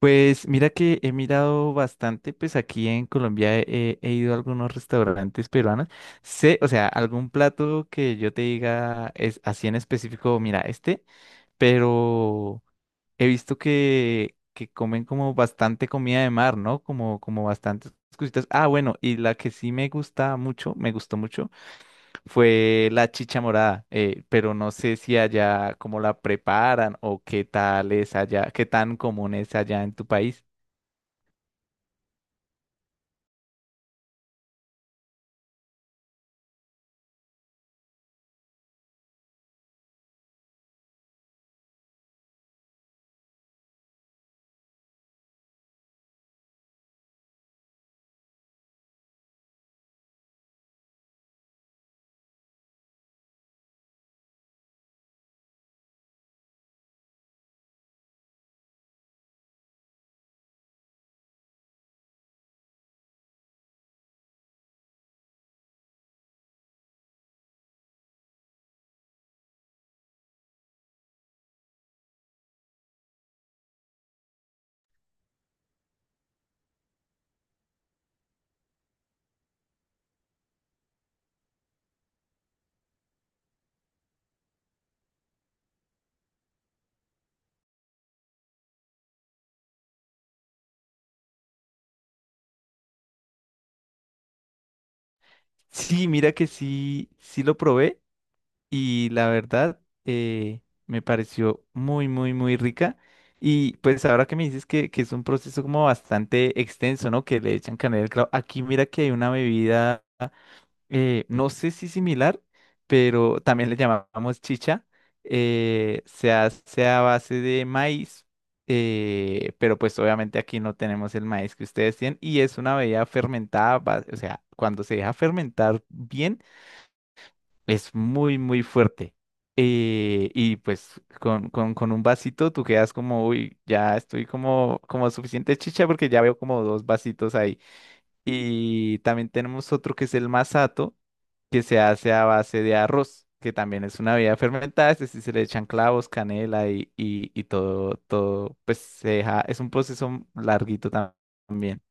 Pues mira que he mirado bastante, pues aquí en Colombia he ido a algunos restaurantes peruanos. Sé, o sea, algún plato que yo te diga es así en específico, mira, este, pero he visto que comen como bastante comida de mar, ¿no? Como, como bastantes cositas. Ah, bueno, y la que sí me gusta mucho, me gustó mucho, fue la chicha morada, pero no sé si allá cómo la preparan o qué tal es allá, qué tan común es allá en tu país. Sí, mira que sí, sí lo probé y la verdad me pareció muy, muy, muy rica. Y pues ahora que me dices que es un proceso como bastante extenso, ¿no? Que le echan canela al clavo. Aquí mira que hay una bebida no sé si similar, pero también le llamamos chicha. Se hace a base de maíz, pero pues obviamente aquí no tenemos el maíz que ustedes tienen y es una bebida fermentada, o sea, cuando se deja fermentar bien, es muy, muy fuerte. Y pues con un vasito tú quedas como, uy, ya estoy como, como suficiente chicha porque ya veo como dos vasitos ahí. Y también tenemos otro que es el masato que se hace a base de arroz, que también es una bebida fermentada, es decir, se le echan clavos, canela y todo, todo, pues se deja, es un proceso larguito también.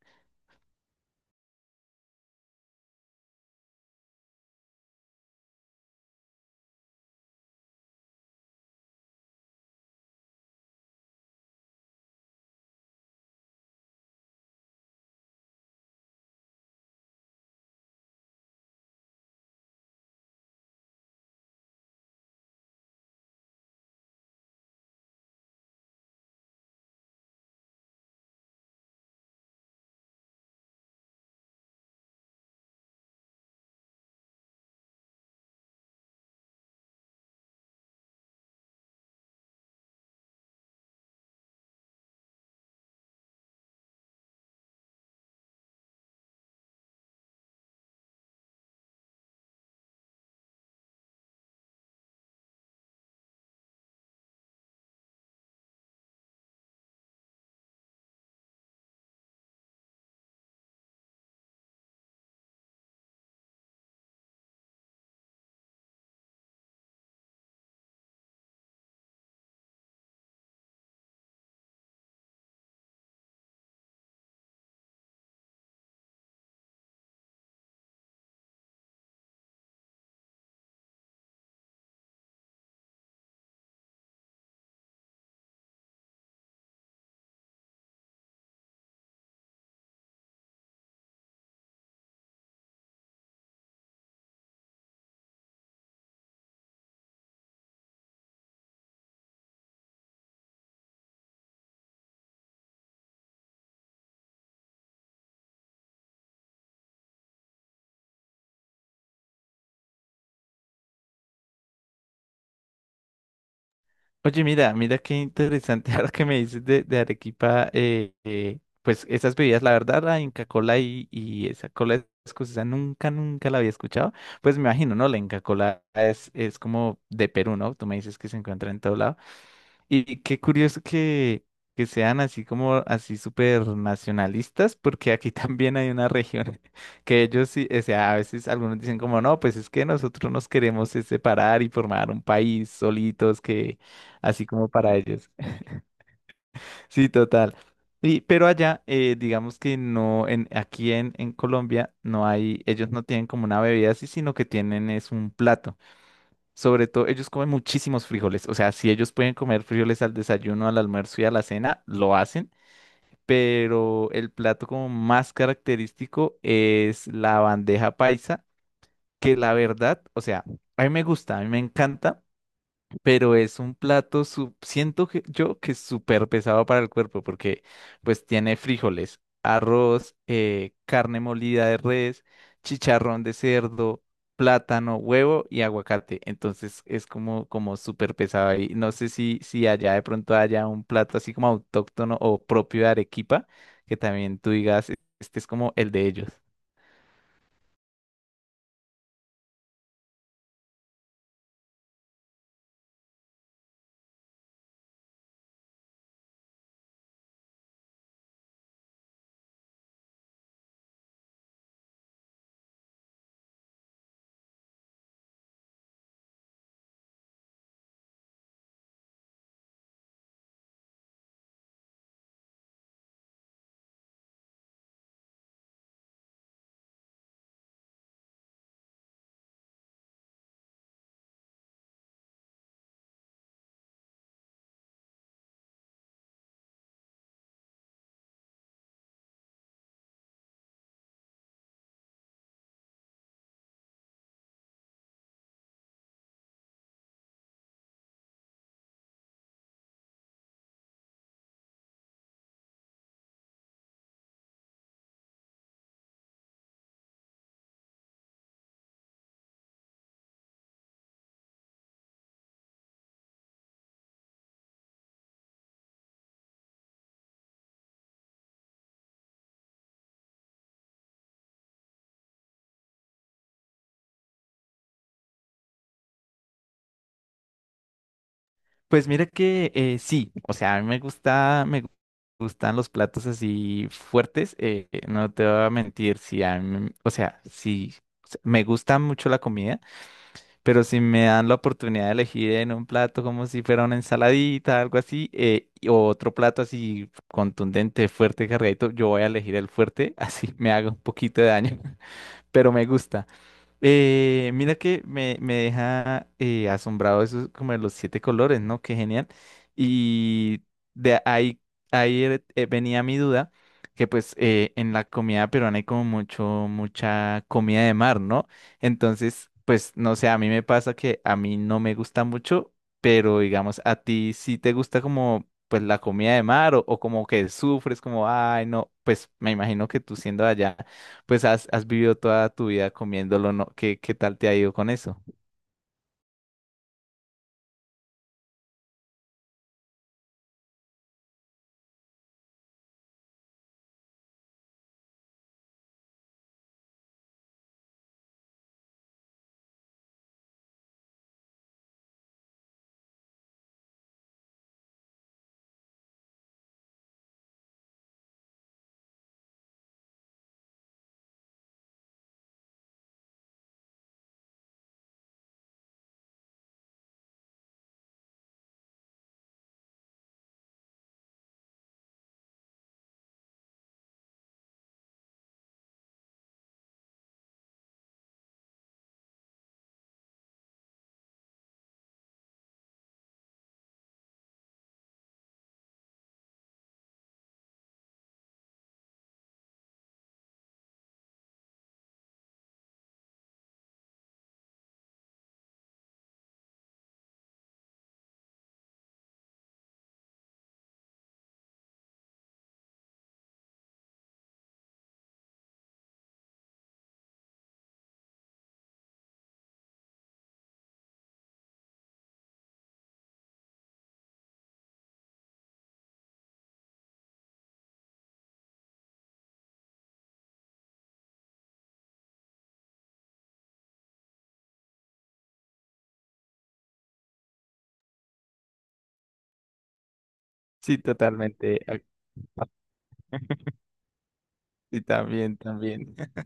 Oye, mira, mira qué interesante ahora que me dices de Arequipa, pues esas bebidas, la verdad, la Inca Kola y esa cola escocesa nunca, nunca la había escuchado. Pues me imagino, ¿no? La Inca Kola es como de Perú, ¿no? Tú me dices que se encuentra en todo lado. Y qué curioso que sean así como así súper nacionalistas, porque aquí también hay una región que ellos sí, o sea, a veces algunos dicen como, no, pues es que nosotros nos queremos es separar y formar un país solitos, que así como para ellos. Sí, total. Y, pero allá, digamos que no, aquí en Colombia no hay, ellos no tienen como una bebida así, sino que tienen es un plato. Sobre todo, ellos comen muchísimos frijoles. O sea, si ellos pueden comer frijoles al desayuno, al almuerzo y a la cena, lo hacen. Pero el plato como más característico es la bandeja paisa, que la verdad, o sea, a mí me gusta, a mí me encanta pero es un plato, siento que yo que es súper pesado para el cuerpo porque pues tiene frijoles, arroz, carne molida de res, chicharrón de cerdo, plátano, huevo y aguacate. Entonces es como, como súper pesado y no sé si, si allá de pronto haya un plato así como autóctono o propio de Arequipa, que también tú digas, este es como el de ellos. Pues mira que sí, o sea, a mí me gusta, me gustan los platos así fuertes, no te voy a mentir, si a mí- o sea, si me gusta mucho la comida, pero si me dan la oportunidad de elegir en un plato como si fuera una ensaladita, algo así, o otro plato así contundente, fuerte, cargadito, yo voy a elegir el fuerte, así me haga un poquito de daño, pero me gusta. Mira que me deja asombrado eso como de los siete colores, ¿no? Qué genial. Y de ahí, venía mi duda, que pues en la comida peruana hay como mucho, mucha comida de mar, ¿no? Entonces, pues no sé, a mí me pasa que a mí no me gusta mucho, pero digamos, a ti sí te gusta como pues la comida de mar o como que sufres como, ay, no, pues me imagino que tú siendo de allá pues has, has vivido toda tu vida comiéndolo, ¿no? ¿Qué, qué tal te ha ido con eso? Sí, totalmente. Sí también, también.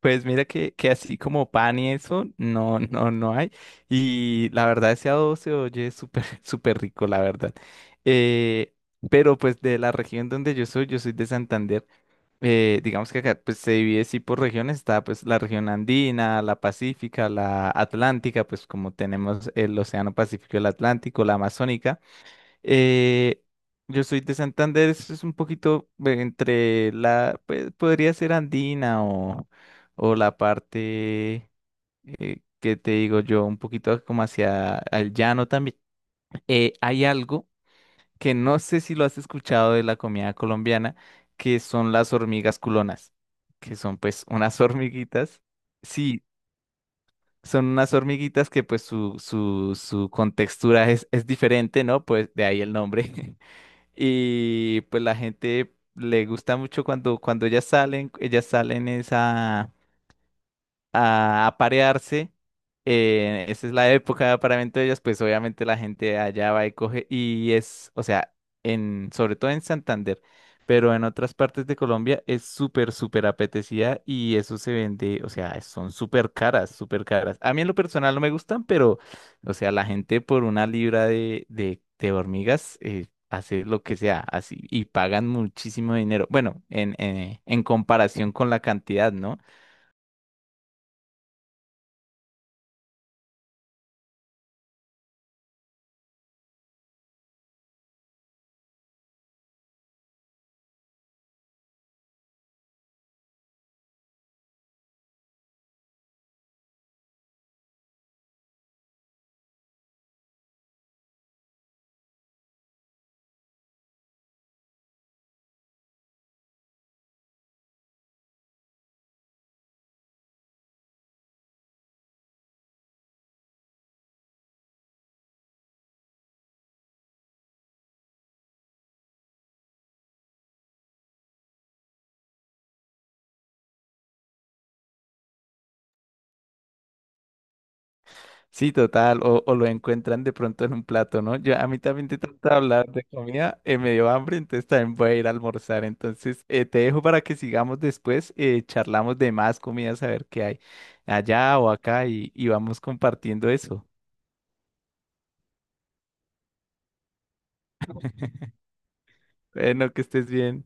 Pues mira que así como pan y eso, no, no, no hay. Y la verdad, ese adobo se oye súper, súper rico, la verdad. Eh, pero pues de la región donde yo soy de Santander. Digamos que acá pues se divide sí por regiones. Está pues la región andina, la pacífica, la atlántica, pues como tenemos el océano Pacífico, y el Atlántico, la amazónica. Eh, yo soy de Santander, es un poquito entre la, pues, podría ser andina o la parte que te digo yo, un poquito como hacia el llano también. Hay algo que no sé si lo has escuchado de la comida colombiana, que son las hormigas culonas, que son pues unas hormiguitas. Sí, son unas hormiguitas que pues su contextura es diferente, ¿no? Pues de ahí el nombre. Y pues la gente le gusta mucho cuando, cuando ellas salen esa a parearse. Esa es la época de apareamiento de ellas, pues obviamente la gente allá va y coge y es, o sea, sobre todo en Santander, pero en otras partes de Colombia es súper, súper apetecida y eso se vende, o sea, son súper caras, súper caras. A mí en lo personal no me gustan, pero, o sea, la gente por una libra de hormigas hace lo que sea, así, y pagan muchísimo dinero. Bueno, en comparación con la cantidad, ¿no? Sí, total, o lo encuentran de pronto en un plato, ¿no? Yo a mí también te trata de hablar de comida, me dio hambre, entonces también voy a ir a almorzar. Entonces, te dejo para que sigamos después, charlamos de más comidas, a ver qué hay allá o acá y vamos compartiendo eso. Bueno, que estés bien.